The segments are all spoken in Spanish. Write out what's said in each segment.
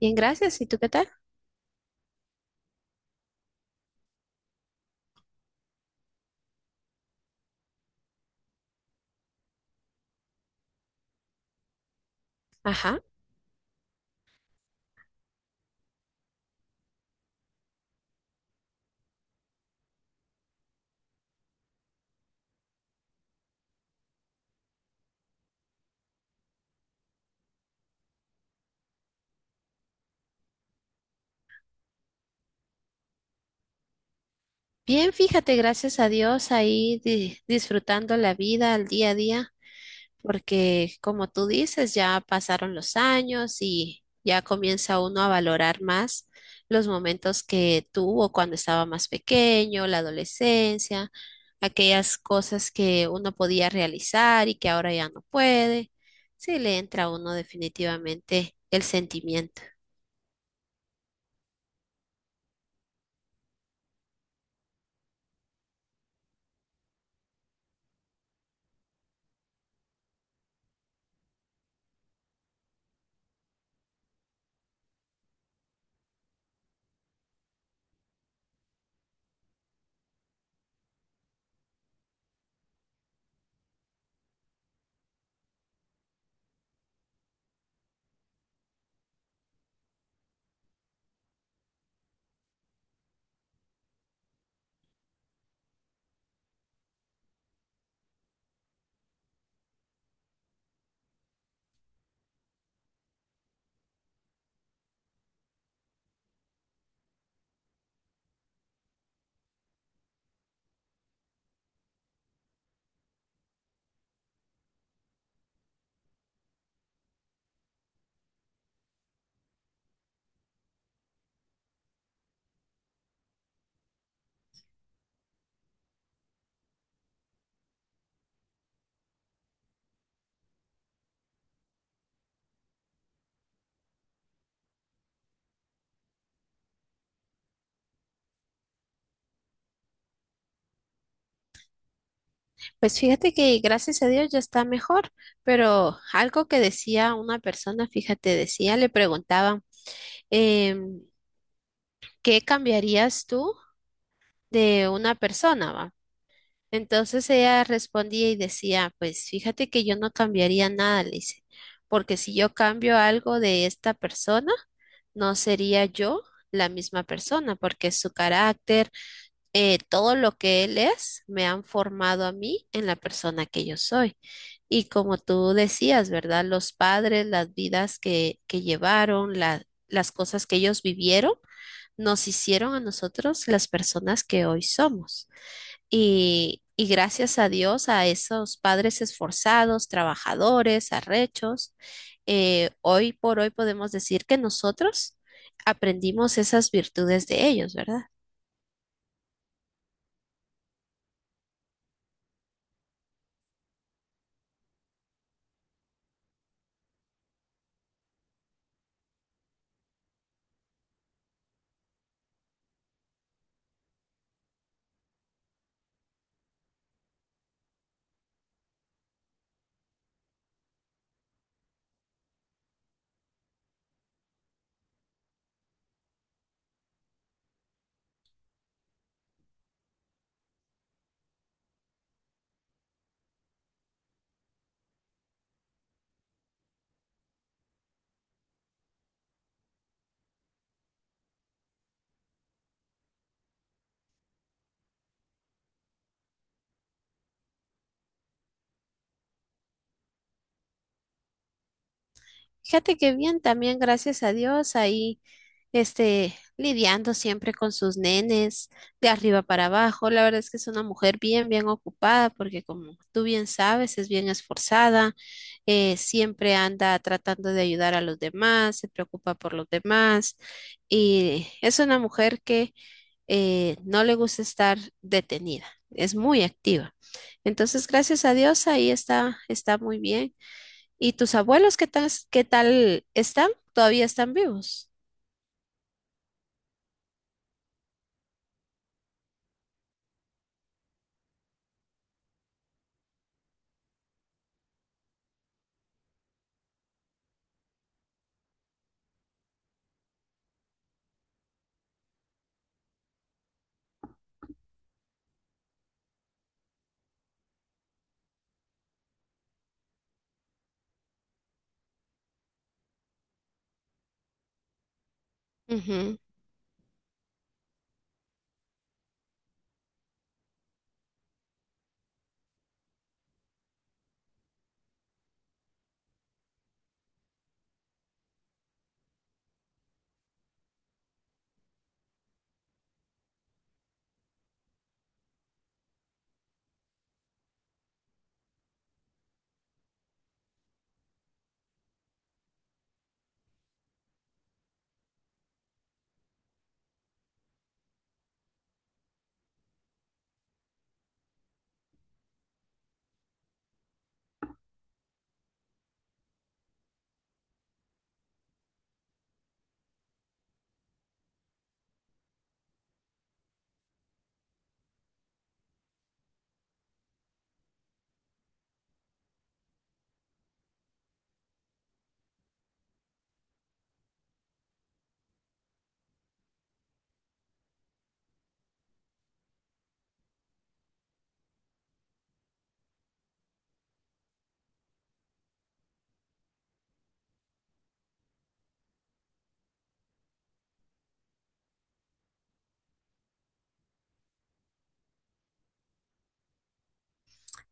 Bien, gracias. ¿Y tú qué tal? Ajá. Bien, fíjate, gracias a Dios ahí disfrutando la vida al día a día, porque como tú dices, ya pasaron los años y ya comienza uno a valorar más los momentos que tuvo cuando estaba más pequeño, la adolescencia, aquellas cosas que uno podía realizar y que ahora ya no puede. Sí, le entra a uno definitivamente el sentimiento. Pues fíjate que gracias a Dios ya está mejor, pero algo que decía una persona, fíjate, decía, le preguntaban, em, ¿qué cambiarías tú de una persona, va? Entonces ella respondía y decía, pues fíjate que yo no cambiaría nada, le dice, porque si yo cambio algo de esta persona, no sería yo la misma persona, porque su carácter, todo lo que él es me han formado a mí en la persona que yo soy. Y como tú decías, ¿verdad? Los padres, las vidas que llevaron, las cosas que ellos vivieron, nos hicieron a nosotros las personas que hoy somos. Y gracias a Dios, a esos padres esforzados, trabajadores, arrechos, hoy por hoy podemos decir que nosotros aprendimos esas virtudes de ellos, ¿verdad? Fíjate que bien, también gracias a Dios, ahí este, lidiando siempre con sus nenes, de arriba para abajo. La verdad es que es una mujer bien, bien ocupada, porque como tú bien sabes, es bien esforzada, siempre anda tratando de ayudar a los demás, se preocupa por los demás, y es una mujer que no le gusta estar detenida, es muy activa. Entonces, gracias a Dios, ahí está, está muy bien. ¿Y tus abuelos qué tal están? ¿Todavía están vivos? Ujú.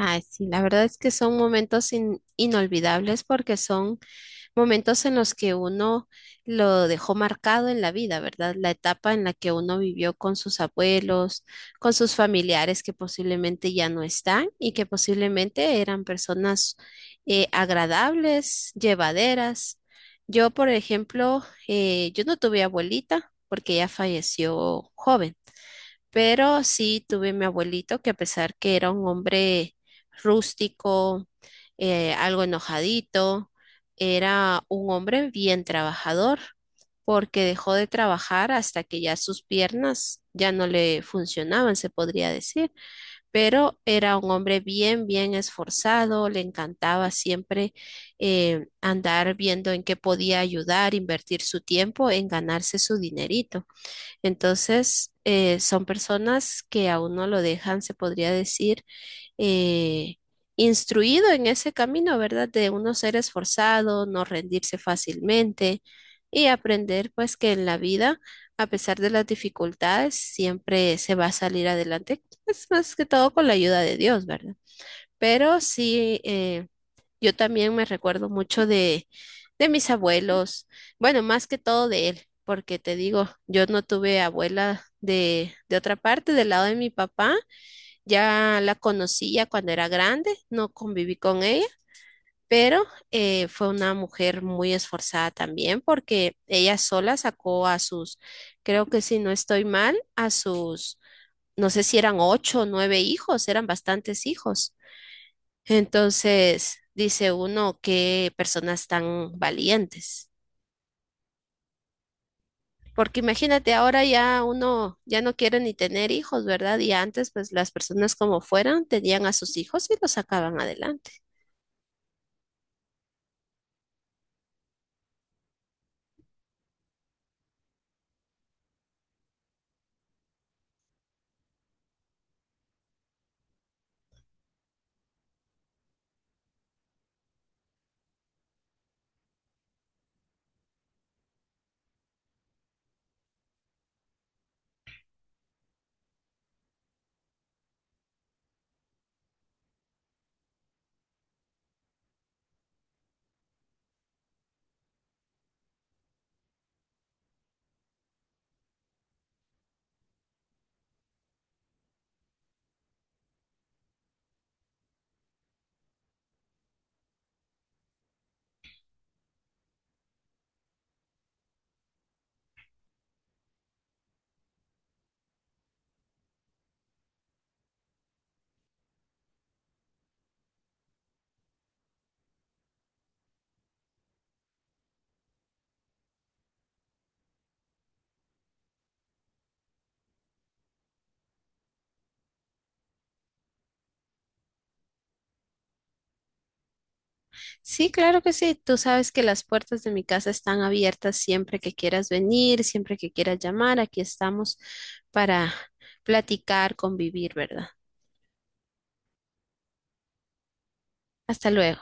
Ay, sí, la verdad es que son momentos inolvidables porque son momentos en los que uno lo dejó marcado en la vida, ¿verdad? La etapa en la que uno vivió con sus abuelos, con sus familiares que posiblemente ya no están y que posiblemente eran personas agradables, llevaderas. Yo, por ejemplo, yo no tuve abuelita porque ella falleció joven. Pero sí tuve mi abuelito que a pesar que era un hombre rústico, algo enojadito, era un hombre bien trabajador, porque dejó de trabajar hasta que ya sus piernas ya no le funcionaban, se podría decir. Pero era un hombre bien, bien esforzado, le encantaba siempre andar viendo en qué podía ayudar, invertir su tiempo en ganarse su dinerito. Entonces, son personas que a uno lo dejan, se podría decir, eh, instruido en ese camino, ¿verdad? De uno ser esforzado, no rendirse fácilmente y aprender pues que en la vida, a pesar de las dificultades, siempre se va a salir adelante. Es más que todo con la ayuda de Dios, ¿verdad? Pero sí, yo también me recuerdo mucho de mis abuelos, bueno, más que todo de él, porque te digo, yo no tuve abuela de otra parte, del lado de mi papá, ya la conocía cuando era grande, no conviví con ella, pero fue una mujer muy esforzada también, porque ella sola sacó a sus, creo que si no estoy mal, a sus, no sé si eran 8 o 9 hijos, eran bastantes hijos. Entonces, dice uno, qué personas tan valientes. Porque imagínate, ahora ya uno ya no quiere ni tener hijos, ¿verdad? Y antes, pues las personas como fueran, tenían a sus hijos y los sacaban adelante. Sí, claro que sí. Tú sabes que las puertas de mi casa están abiertas siempre que quieras venir, siempre que quieras llamar. Aquí estamos para platicar, convivir, ¿verdad? Hasta luego.